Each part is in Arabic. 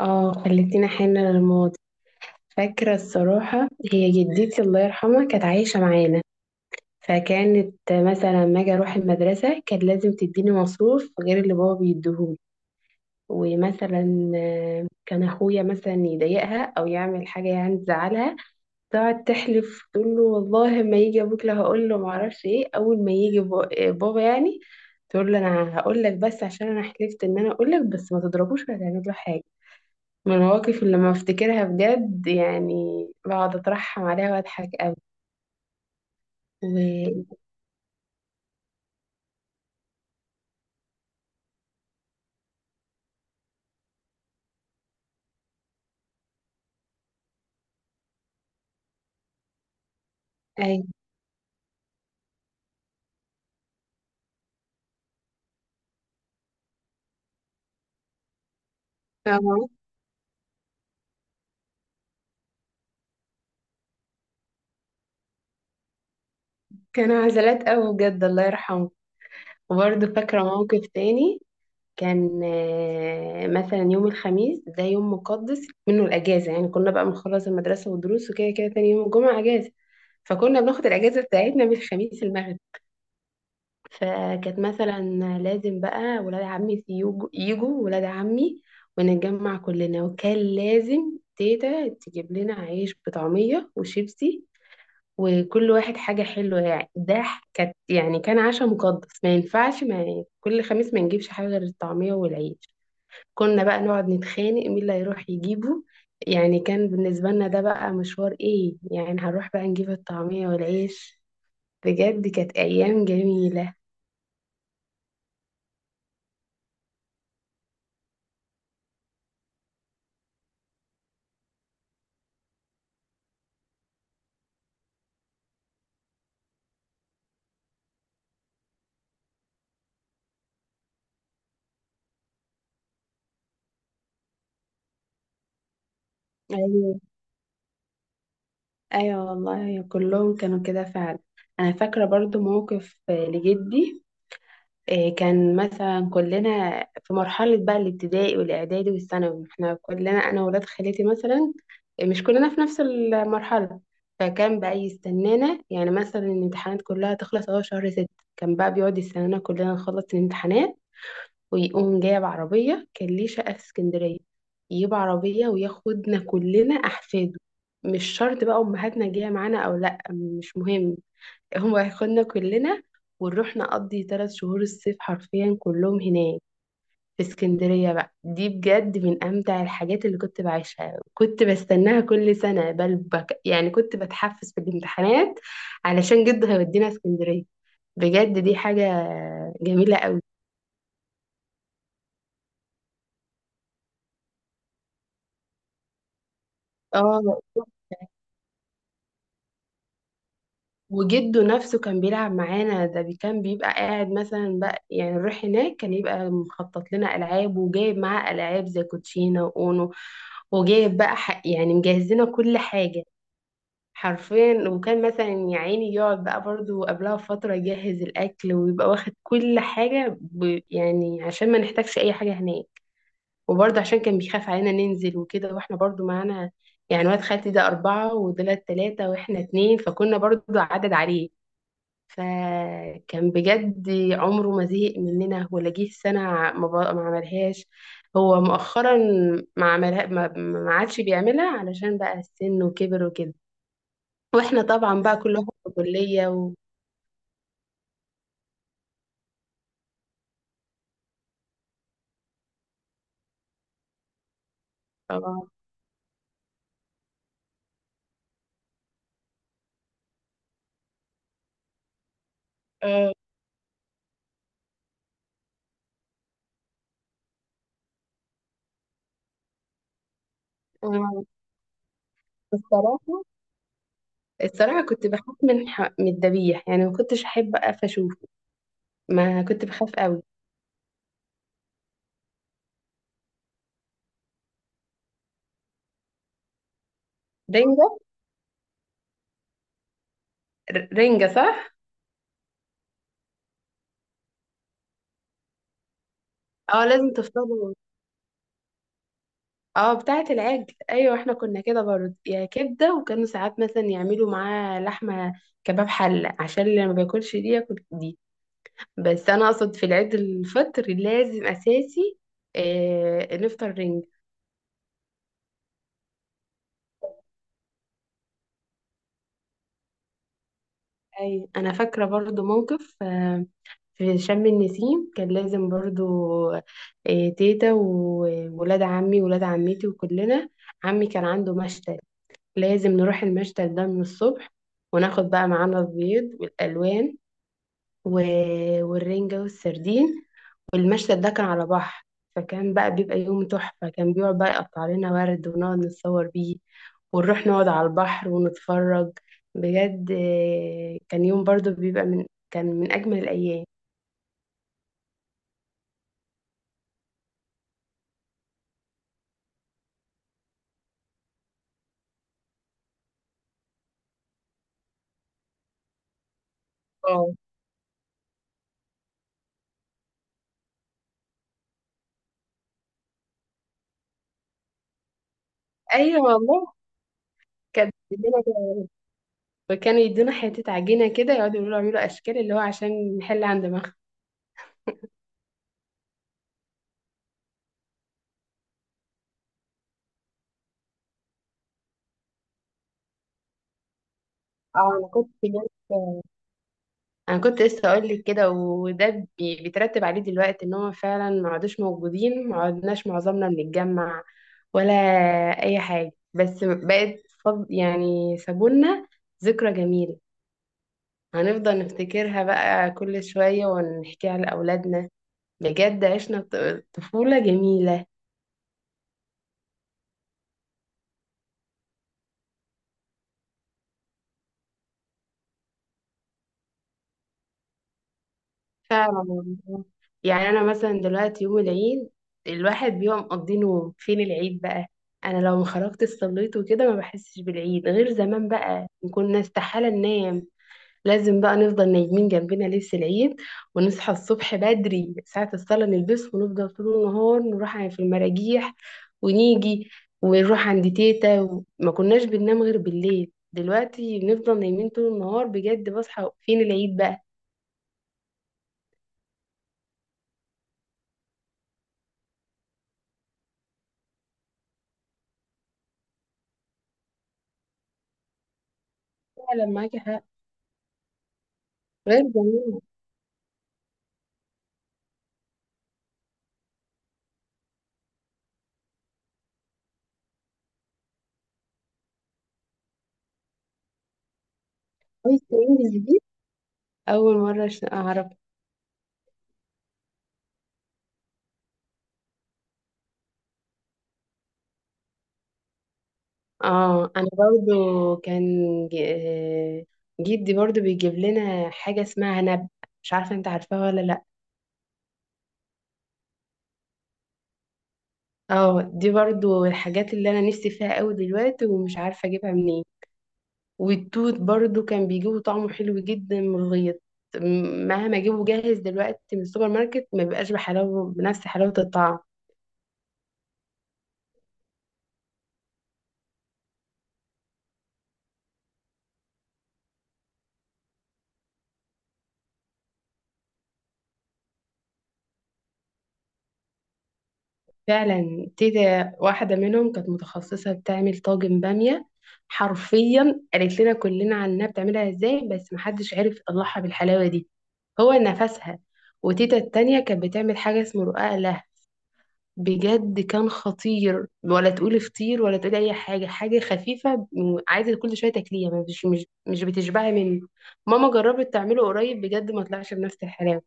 اه، خليتينا حنة للماضي. فاكرة الصراحة. هي جدتي الله يرحمها كانت عايشة معانا. فكانت مثلا ما اجي اروح المدرسة كانت لازم تديني مصروف غير اللي بابا بيديهولي. ومثلا كان اخويا مثلا يضايقها او يعمل حاجة يعني تزعلها. تقعد تحلف تقول له والله ما يجي ابوك، لا هقول له ما اعرفش ايه اول ما يجي بابا يعني. تقول له انا هقول لك بس عشان انا حلفت ان انا اقول لك، بس ما تضربوش ولا تعمل له حاجة. من المواقف اللي لما افتكرها بجد يعني بقعد اترحم عليها واضحك قوي. و اي. آه، كانوا عزلات قوي بجد الله يرحمه. وبرضه فاكرة موقف تاني. كان مثلا يوم الخميس ده يوم مقدس منه الأجازة، يعني كنا بقى بنخلص المدرسة والدروس وكده كده تاني يوم الجمعة أجازة. فكنا بناخد الأجازة بتاعتنا من الخميس المغرب. فكانت مثلا لازم بقى ولاد عمي يجوا، ولاد عمي ونتجمع كلنا. وكان لازم تيتا تجيب لنا عيش بطعمية وشيبسي، وكل واحد حاجة حلوة يعني. ده كانت يعني كان عشاء مقدس ما ينفعش، ما يعني كل خميس ما نجيبش حاجة غير الطعمية والعيش. كنا بقى نقعد نتخانق مين اللي هيروح يجيبه. يعني كان بالنسبة لنا ده بقى مشوار، ايه يعني هنروح بقى نجيب الطعمية والعيش. بجد كانت أيام جميلة. أيوة. ايوه والله كلهم كانوا كده فعلا. انا فاكره برضو موقف لجدي. كان مثلا كلنا في مرحله بقى الابتدائي والاعدادي والثانوي. احنا كلنا انا وولاد خالتي مثلا مش كلنا في نفس المرحله. فكان بقى يستنانا، يعني مثلا الامتحانات كلها تخلص اهو شهر ست. كان بقى بيقعد يستنانا كلنا نخلص الامتحانات ويقوم جايب عربية. كان ليه شقة في اسكندرية، يجيب عربية وياخدنا كلنا أحفاده. مش شرط بقى أمهاتنا جاية معانا أو لأ، مش مهم، هو هياخدنا كلنا، ونروح نقضي ثلاث شهور الصيف حرفيا كلهم هناك في اسكندرية. بقى دي بجد من أمتع الحاجات اللي كنت بعيشها. كنت بستناها كل سنة بل بك، يعني كنت بتحفز في الامتحانات علشان جده هيودينا اسكندرية. بجد دي حاجة جميلة قوي. اه. وجده نفسه كان بيلعب معانا. ده كان بيبقى قاعد مثلا بقى يعني نروح هناك، كان يبقى مخطط لنا ألعاب، وجايب معاه ألعاب زي كوتشينة وأونو. وجايب بقى يعني مجهز لنا كل حاجة حرفيا. وكان مثلا يا عيني يقعد بقى برضو قبلها بفترة يجهز الأكل، ويبقى واخد كل حاجة يعني عشان ما نحتاجش أي حاجة هناك. وبرضه عشان كان بيخاف علينا ننزل وكده، واحنا برضه معانا، يعني واد خالتي ده أربعة ودولت تلاتة واحنا اتنين، فكنا برضه عدد عليه. فكان بجد عمره ما زهق مننا ولا جه سنة ما عملهاش. هو مؤخرا ما عملها، ما عادش بيعملها علشان بقى السن وكبر وكده. واحنا طبعا بقى كل واحد في كلية طبعا. آه، آه، الصراحة. الصراحة كنت بخاف من من الذبيح، يعني ما كنتش أحب أقف أشوفه. ما كنت بخاف قوي. رنجة، رنجة صح؟ اه، لازم تفضلوا. اه بتاعة العجل، ايوه احنا كنا كده برضه يا كبدة. وكانوا ساعات مثلا يعملوا معاه لحمة كباب حلة عشان اللي ما بياكلش دي ياكل دي. بس انا اقصد في العيد الفطر لازم اساسي نفطر رنج. اي، انا فاكرة برضه موقف في شم النسيم كان لازم برضه تيتا وولاد عمي وولاد عمتي وكلنا. عمي كان عنده مشتل، لازم نروح المشتل ده من الصبح، وناخد بقى معانا البيض والألوان و... والرنجة والسردين. والمشهد ده كان على بحر، فكان بقى بيبقى يوم تحفة. كان بيقعد بقى يقطع لنا ورد ونقعد نتصور بيه، ونروح نقعد على البحر ونتفرج. بجد كان يوم برضو بيبقى من كان من أجمل الأيام. اه. أيوة والله. كان بيدينا وكانوا يدونا حتة عجينة كده، يقعدوا يقولوا اعملوا أشكال، اللي هو عشان نحل عند مخ. انا كنت جبت. انا كنت لسه اقول لك كده، وده بيترتب عليه دلوقتي ان هم فعلا ما عادوش موجودين، ما عدناش معظمنا بنتجمع ولا اي حاجه. بس بقت فض يعني، سابولنا ذكرى جميله هنفضل نفتكرها بقى كل شويه ونحكيها لاولادنا. بجد عشنا طفوله جميله. فعلا والله. يعني انا مثلا دلوقتي يوم العيد الواحد بيبقى مقضي نوم، فين العيد بقى؟ انا لو ما خرجت الصليت وكده ما بحسش بالعيد. غير زمان بقى كنا استحالة ننام، لازم بقى نفضل نايمين جنبنا لبس العيد، ونصحى الصبح بدري ساعة الصلاة نلبس، ونفضل طول النهار نروح في المراجيح ونيجي ونروح عند تيتا. ما كناش بننام غير بالليل. دلوقتي بنفضل نايمين طول النهار، بجد بصحى فين العيد بقى؟ فعلا معاكي حق. غير زمان. أوي سترينجز دي أول مرة أعرف. اه أنا برضو كان ج- آه، جدي برضو بيجيب لنا حاجة اسمها نب. مش عارفة أنت عارفاها ولا لأ؟ اه دي برضو الحاجات اللي أنا نفسي فيها أوي دلوقتي ومش عارفة أجيبها منين. والتوت برضو كان بيجيبه طعمه حلو جدا من الغيط. مهما أجيبه جاهز دلوقتي من السوبر ماركت ما بيبقاش بحلاوة، بنفس حلاوة الطعم. فعلا تيتا واحدة منهم كانت متخصصة بتعمل طاجن بامية. حرفيا قالت لنا كلنا عنها بتعملها ازاي، بس محدش عرف يطلعها بالحلاوة دي هو نفسها. وتيتا التانية كانت بتعمل حاجة اسمه رقاق له. بجد كان خطير، ولا تقولي فطير ولا تقولي اي حاجة. حاجة خفيفة عايزة كل شوية تاكليها، مش بتشبعي منه. ماما جربت تعمله قريب بجد ما طلعش بنفس الحلاوة.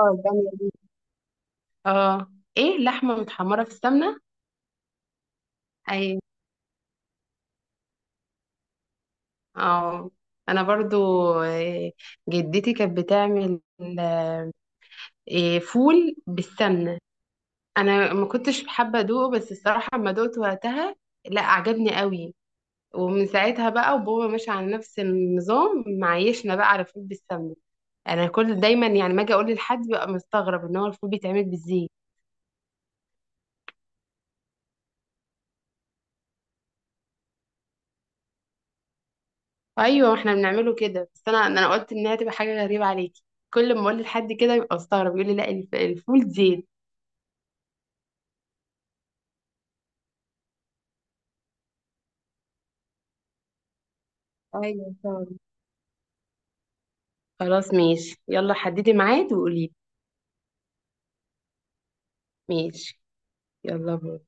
اه البامية دي. اه، ايه، لحمة متحمرة في السمنة. اي. اه. انا برضو جدتي كانت بتعمل آه، فول بالسمنه. انا ما كنتش حابه ادوقه، بس الصراحه لما دقته وقتها لا عجبني قوي. ومن ساعتها بقى وبابا ماشي على نفس النظام، معيشنا بقى على فول بالسمنه. انا كل دايما يعني ما اجي اقول لحد بقى مستغرب ان هو الفول بيتعمل بالزيت. ايوه احنا بنعمله كده. بس انا قلت انها تبقى حاجه غريبه عليكي. كل ما اقول لحد كده يبقى مستغرب يقول لي لا، الفول زيت. ايوه فعلا. خلاص ماشي، يلا حددي ميعاد وقولي. ماشي، يلا باي.